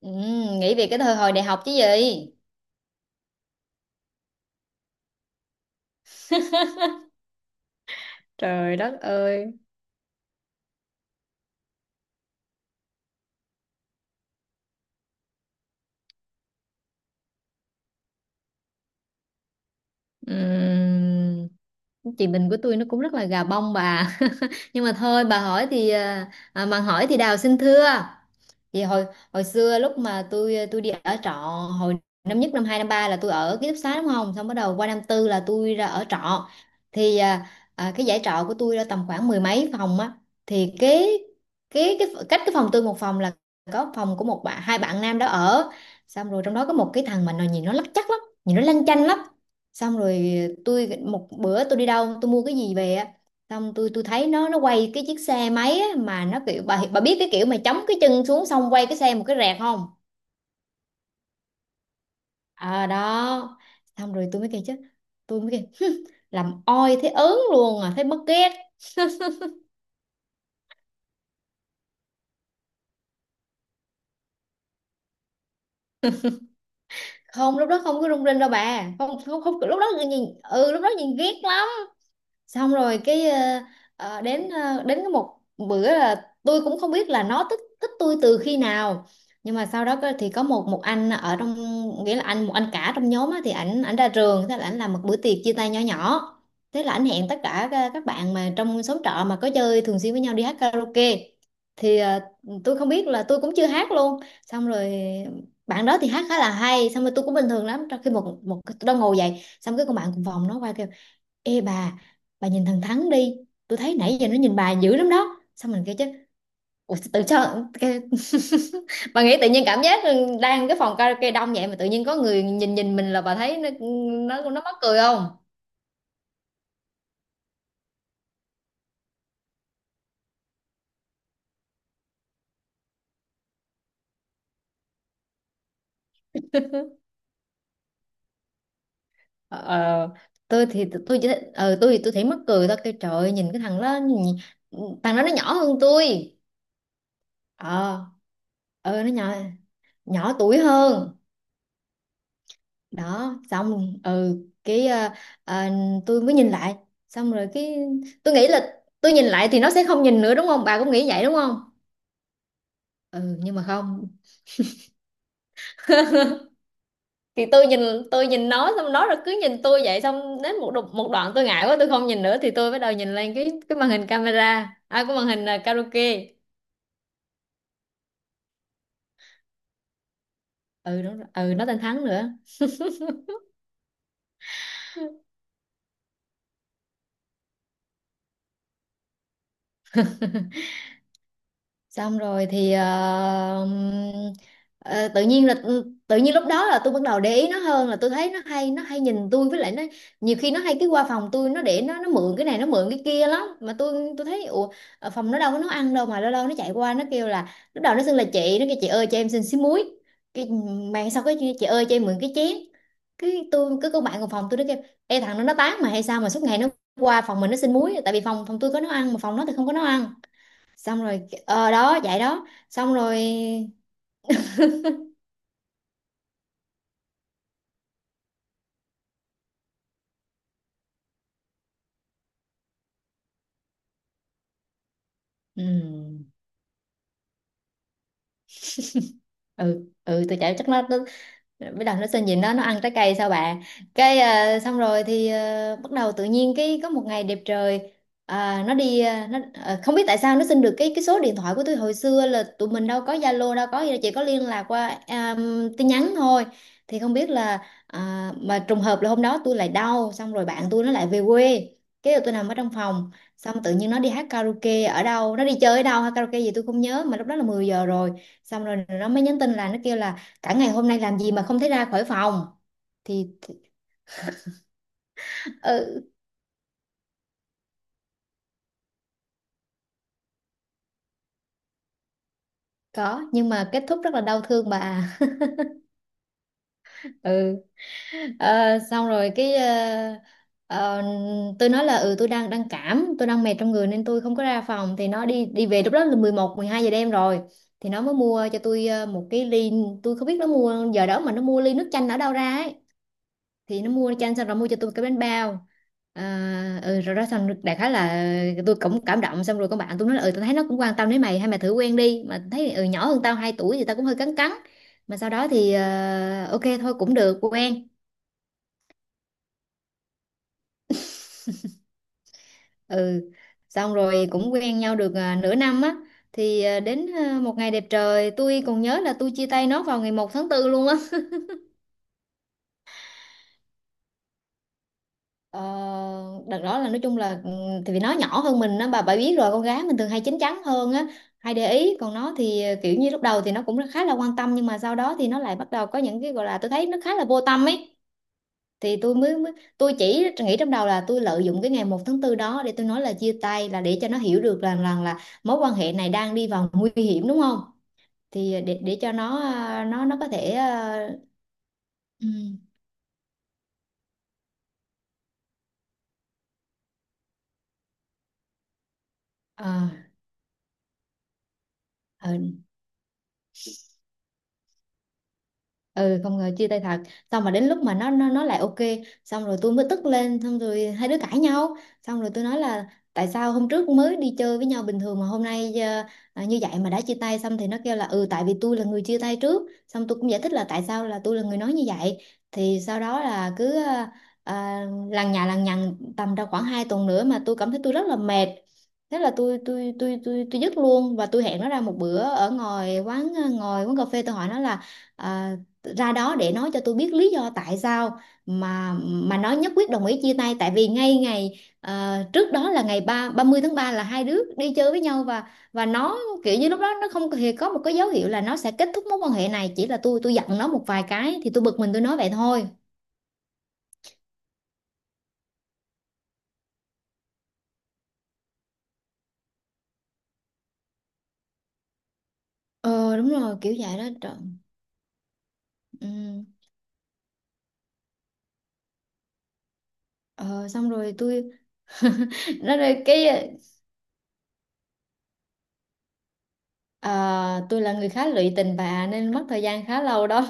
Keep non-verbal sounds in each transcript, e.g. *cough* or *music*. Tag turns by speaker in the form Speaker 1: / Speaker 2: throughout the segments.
Speaker 1: Ừ, nghĩ về cái thời hồi đại học chứ gì? *laughs* Trời đất ơi. Ừm, chị Bình của tôi nó cũng rất là gà bông bà, *laughs* nhưng mà thôi bà hỏi thì mà hỏi thì Đào xin thưa. Thì hồi hồi xưa lúc mà tôi đi ở trọ hồi năm nhất, năm 2, năm 3 là tôi ở ký túc xá, đúng không, xong bắt đầu qua năm 4 là tôi ra ở trọ. Thì cái dãy trọ của tôi là tầm khoảng mười mấy phòng á. Thì kế kế cái cách cái phòng tôi một phòng là có phòng của một bạn, hai bạn nam đó ở. Xong rồi trong đó có một cái thằng mà nó nhìn nó lắc chắc lắm, nhìn nó lanh chanh lắm. Xong rồi tôi một bữa tôi đi đâu tôi mua cái gì về á, xong tôi thấy nó quay cái chiếc xe máy á, mà nó kiểu bà biết cái kiểu mà chống cái chân xuống xong quay cái xe một cái rẹt không. À đó. Xong rồi tôi mới kêu chứ, tôi mới kêu "Hứ, làm oi thấy ớn luôn à, thấy mất ghét." Không, lúc đó không có rung rinh đâu bà, không không, không lúc đó nhìn, ừ, lúc đó nhìn ghét lắm. Xong rồi cái ờ, ờ, đến cái một bữa là tôi cũng không biết là nó thích thích tôi từ khi nào. Nhưng mà sau đó thì có một một anh ở trong, nghĩa là anh một anh cả trong nhóm á, thì ảnh ảnh ra trường, thế là ảnh làm một bữa tiệc chia tay nhỏ nhỏ. Thế là ảnh hẹn tất cả các bạn mà trong xóm trọ mà có chơi thường xuyên với nhau đi hát karaoke. thì ờ, tôi không biết là tôi cũng chưa hát luôn. Xong rồi bạn đó thì hát khá là hay, xong rồi tôi cũng bình thường lắm, trong khi một một tôi đang ngồi dậy xong cái con bạn cùng phòng nó quay kêu "Ê bà nhìn thằng Thắng đi. Tôi thấy nãy giờ nó nhìn bà dữ lắm đó." Xong mình kêu chứ, "Ủa, tự cho cái..." Bà nghĩ tự nhiên cảm giác đang cái phòng karaoke đông vậy mà tự nhiên có người nhìn nhìn mình là bà thấy nó mắc cười không? Ờ, ờ, tôi thì tôi chỉ tôi thì tôi thấy mắc cười thôi, kêu trời ơi, nhìn cái thằng đó thằng đó nó nhỏ hơn tôi. Ờ, ờ nó nhỏ nhỏ tuổi hơn. Đó xong ừ cái ờ, ờ, tôi mới nhìn lại, xong rồi cái tôi nghĩ là tôi nhìn lại thì nó sẽ không nhìn nữa, đúng không, bà cũng nghĩ vậy đúng không? Ừ, nhưng mà không. Thì tôi nhìn tôi nhìn nó, xong nó rồi cứ nhìn tôi vậy, xong đến một một đoạn tôi ngại quá tôi không nhìn nữa thì tôi bắt đầu nhìn lên cái màn hình camera, à cái màn hình karaoke. Ừ, đúng rồi. Ừ, nó tên Thắng nữa. Xong rồi thì ờ, tự nhiên là tự nhiên lúc đó là tôi bắt đầu để ý nó hơn, là tôi thấy nó hay nhìn tôi, với lại nó nhiều khi nó hay cái qua phòng tôi nó để nó mượn cái này nó mượn cái kia lắm mà tôi thấy ủa, ở phòng nó đâu có nấu ăn đâu mà lâu lâu nó chạy qua nó kêu là. Lúc đầu nó xưng là chị, nó kêu "Chị ơi cho em xin xí muối." Cái mạng sau cái "Chị ơi cho em mượn cái chén." Cái tôi cứ, cô bạn cùng phòng tôi nó kêu "Ê thằng nó tán mà hay sao mà suốt ngày nó qua phòng mình nó xin muối," tại vì phòng phòng tôi có nấu ăn mà phòng nó thì không có nấu ăn. Xong rồi ờ đó vậy đó xong rồi. Ừ, ừ, ừ tôi chạy chắc nó bắt đầu nó xin, nhìn nó ăn trái cây sao bà. Xong rồi thì bắt đầu tự nhiên cái có một ngày đẹp trời, nó đi không biết tại sao nó xin được cái số điện thoại của tôi. Hồi xưa là tụi mình đâu có Zalo đâu có gì đâu, chỉ có liên lạc qua tin nhắn thôi. Thì không biết là mà trùng hợp là hôm đó tôi lại đau, xong rồi bạn tôi nó lại về quê, cái tôi nằm ở trong phòng, xong tự nhiên nó đi hát karaoke ở đâu, nó đi chơi ở đâu hát karaoke gì tôi không nhớ, mà lúc đó là 10 giờ rồi. Xong rồi nó mới nhắn tin là, nó kêu là cả ngày hôm nay làm gì mà không thấy ra khỏi phòng. Thì ừ, có nhưng mà kết thúc rất là đau thương bà à. *laughs* Ừ. Ờ, xong rồi ờ, tôi nói là ừ tôi đang đang cảm, tôi đang mệt trong người nên tôi không có ra phòng. Thì nó đi đi về lúc đó là 11, 12 giờ đêm rồi. Thì nó mới mua cho tôi một cái ly, tôi không biết nó mua giờ đó mà nó mua ly nước chanh ở đâu ra ấy, thì nó mua cho anh, xong rồi mua cho tôi cái bánh bao. Rồi đó xong đại khái là tôi cũng cảm động, xong rồi con bạn tôi nói là ừ tôi thấy nó cũng quan tâm đến mày, hay mày thử quen đi. Mà thấy ừ nhỏ hơn tao 2 tuổi thì tao cũng hơi cắn cắn, mà sau đó thì ok thôi cũng được quen. Ừ, xong rồi cũng quen nhau được nửa năm á. Thì đến một ngày đẹp trời tôi còn nhớ là tôi chia tay nó vào ngày 1 tháng 4 luôn á. Ờ, đợt đó là nói chung là ừ, thì vì nó nhỏ hơn mình á, bà biết rồi con gái mình thường hay chín chắn hơn á, hay để ý, còn nó thì kiểu như lúc đầu thì nó cũng khá là quan tâm, nhưng mà sau đó thì nó lại bắt đầu có những cái gọi là tôi thấy nó khá là vô tâm ấy. Thì tôi mới, mới tôi chỉ nghĩ trong đầu là tôi lợi dụng cái ngày 1 tháng 4 đó để tôi nói là chia tay, là để cho nó hiểu được rằng rằng là mối quan hệ này đang đi vào nguy hiểm, đúng không. Thì để cho nó nó có thể, uh, ừ không ngờ chia tay thật. Xong mà đến lúc mà nó lại ok. Xong rồi tôi mới tức lên, xong rồi hai đứa cãi nhau. Xong rồi tôi nói là tại sao hôm trước mới đi chơi với nhau bình thường mà hôm nay như vậy mà đã chia tay. Xong thì nó kêu là ừ tại vì tôi là người chia tay trước. Xong tôi cũng giải thích là tại sao là tôi là người nói như vậy. Thì sau đó là cứ à, lằng nhà lằng nhằng tầm đâu khoảng 2 tuần nữa mà tôi cảm thấy tôi rất là mệt. Thế là tôi dứt luôn, và tôi hẹn nó ra một bữa ở ngoài quán, ngồi quán cà phê. Tôi hỏi nó là à, ra đó để nói cho tôi biết lý do tại sao mà nó nhất quyết đồng ý chia tay, tại vì ngay ngày trước đó là ngày ba 30 tháng 3 là hai đứa đi chơi với nhau, và nó kiểu như lúc đó nó không hề có một cái dấu hiệu là nó sẽ kết thúc mối quan hệ này, chỉ là tôi giận nó một vài cái thì tôi bực mình tôi nói vậy thôi. Ờ đúng rồi, kiểu vậy đó, trời. Ừ. Ờ, xong rồi tôi *laughs* nói rồi tôi là người khá lụy tình bà, nên mất thời gian khá lâu đó.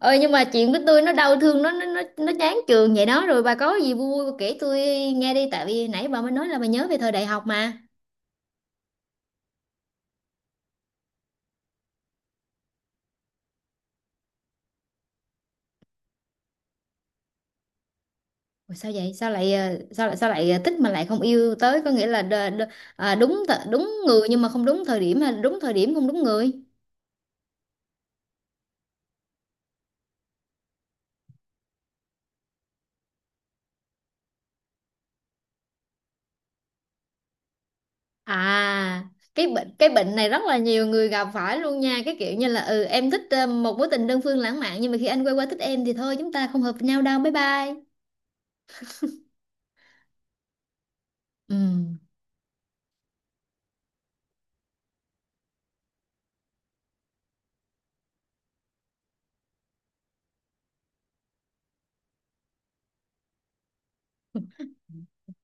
Speaker 1: Ơi nhưng mà chuyện của tôi nó đau thương, nó chán trường vậy đó. Rồi bà có gì vui vui kể tôi nghe đi, tại vì nãy bà mới nói là bà nhớ về thời đại học mà. Ủa sao vậy, sao lại thích mà lại không yêu tới, có nghĩa là đ, đ, à, đúng đúng người nhưng mà không đúng thời điểm, hay là đúng thời điểm không đúng người? À, cái bệnh này rất là nhiều người gặp phải luôn nha, cái kiểu như là ừ em thích một mối tình đơn phương lãng mạn nhưng mà khi anh quay qua thích em thì thôi chúng ta không hợp nhau đâu, bye bye. Ừ.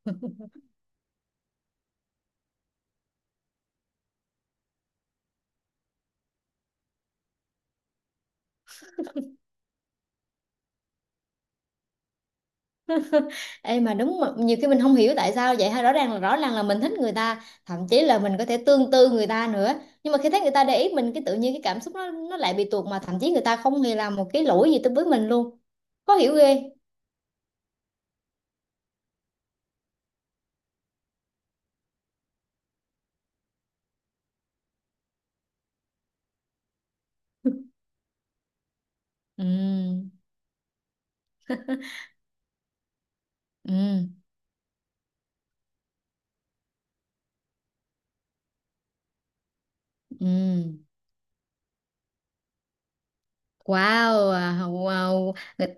Speaker 1: *laughs* Ê mà đúng mà, nhiều khi mình không hiểu tại sao vậy ha, rõ ràng là mình thích người ta thậm chí là mình có thể tương tư người ta nữa, nhưng mà khi thấy người ta để ý mình cái tự nhiên cái cảm xúc nó lại bị tuột, mà thậm chí người ta không hề làm một cái lỗi gì tới với mình luôn. Khó hiểu ghê. Ừ, ừ, ừ, wow, wow.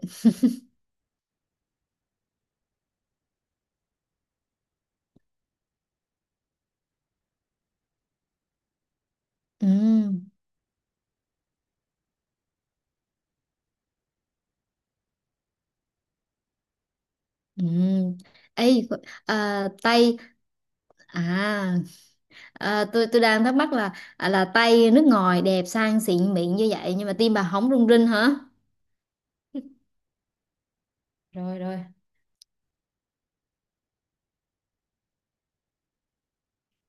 Speaker 1: Ừ. Ừ, ê, Tây, à, à tôi đang thắc mắc là Tây nước ngoài đẹp sang xịn mịn như vậy nhưng mà tim bà không rung rinh hả? Rồi, rồi.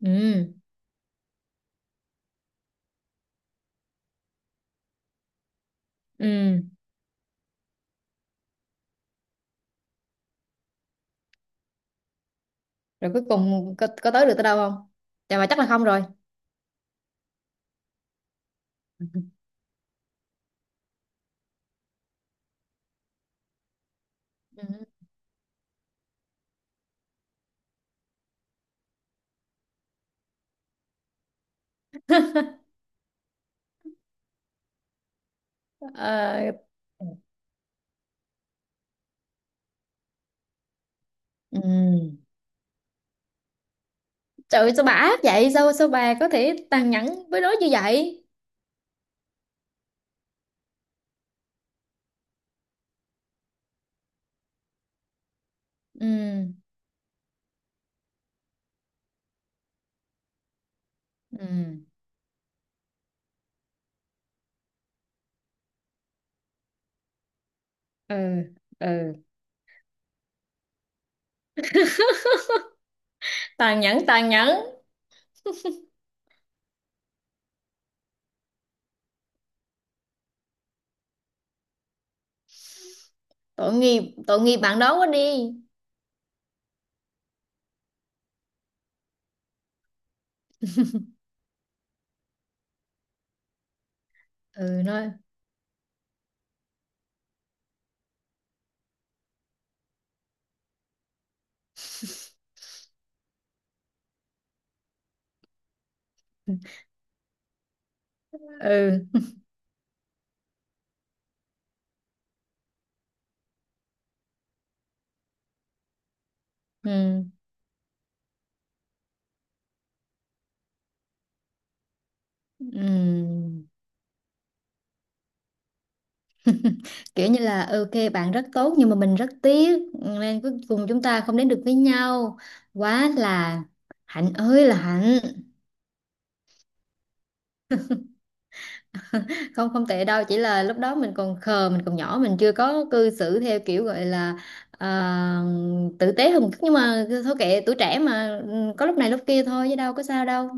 Speaker 1: Ừ, ừ. Rồi cuối cùng có tới được tới đâu không? Dạ mà chắc là không rồi. *laughs* Ừ. Ờ, ừ. Trời ơi, sao bà ác vậy, sao sao bà có thể tàn nhẫn với nó như vậy? Ừ, ừ, ừ, ừ. Tàn nhẫn, tàn nhẫn. Tội nghiệp, tội nghiệp bạn đó quá đi. Ừ nói. Ừ, ừ, ừ. *laughs* Kiểu như là ừ, ok bạn rất tốt nhưng mà mình rất tiếc nên cuối cùng chúng ta không đến được với nhau. Quá là hạnh ơi là hạnh. *laughs* Không, không tệ đâu, chỉ là lúc đó mình còn khờ, mình còn nhỏ, mình chưa có cư xử theo kiểu gọi là ờ, tử tế hơn một chút, nhưng mà thôi kệ tuổi trẻ mà, ừ, có lúc này lúc kia thôi chứ đâu có sao đâu.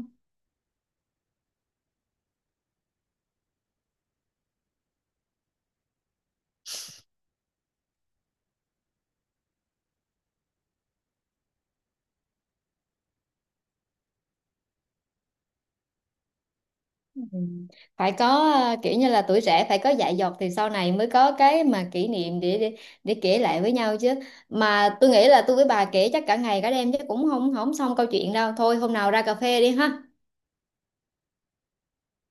Speaker 1: Ừ. Phải có kiểu như là tuổi trẻ phải có dại dột thì sau này mới có cái mà kỷ niệm để kể lại với nhau chứ. Mà tôi nghĩ là tôi với bà kể chắc cả ngày cả đêm chứ cũng không không xong câu chuyện đâu, thôi hôm nào ra cà phê đi ha.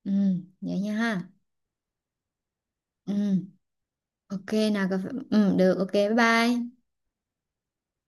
Speaker 1: Ừ, vậy nha ha. Ừ, ok nào cà phê, ừ được, ok bye bye.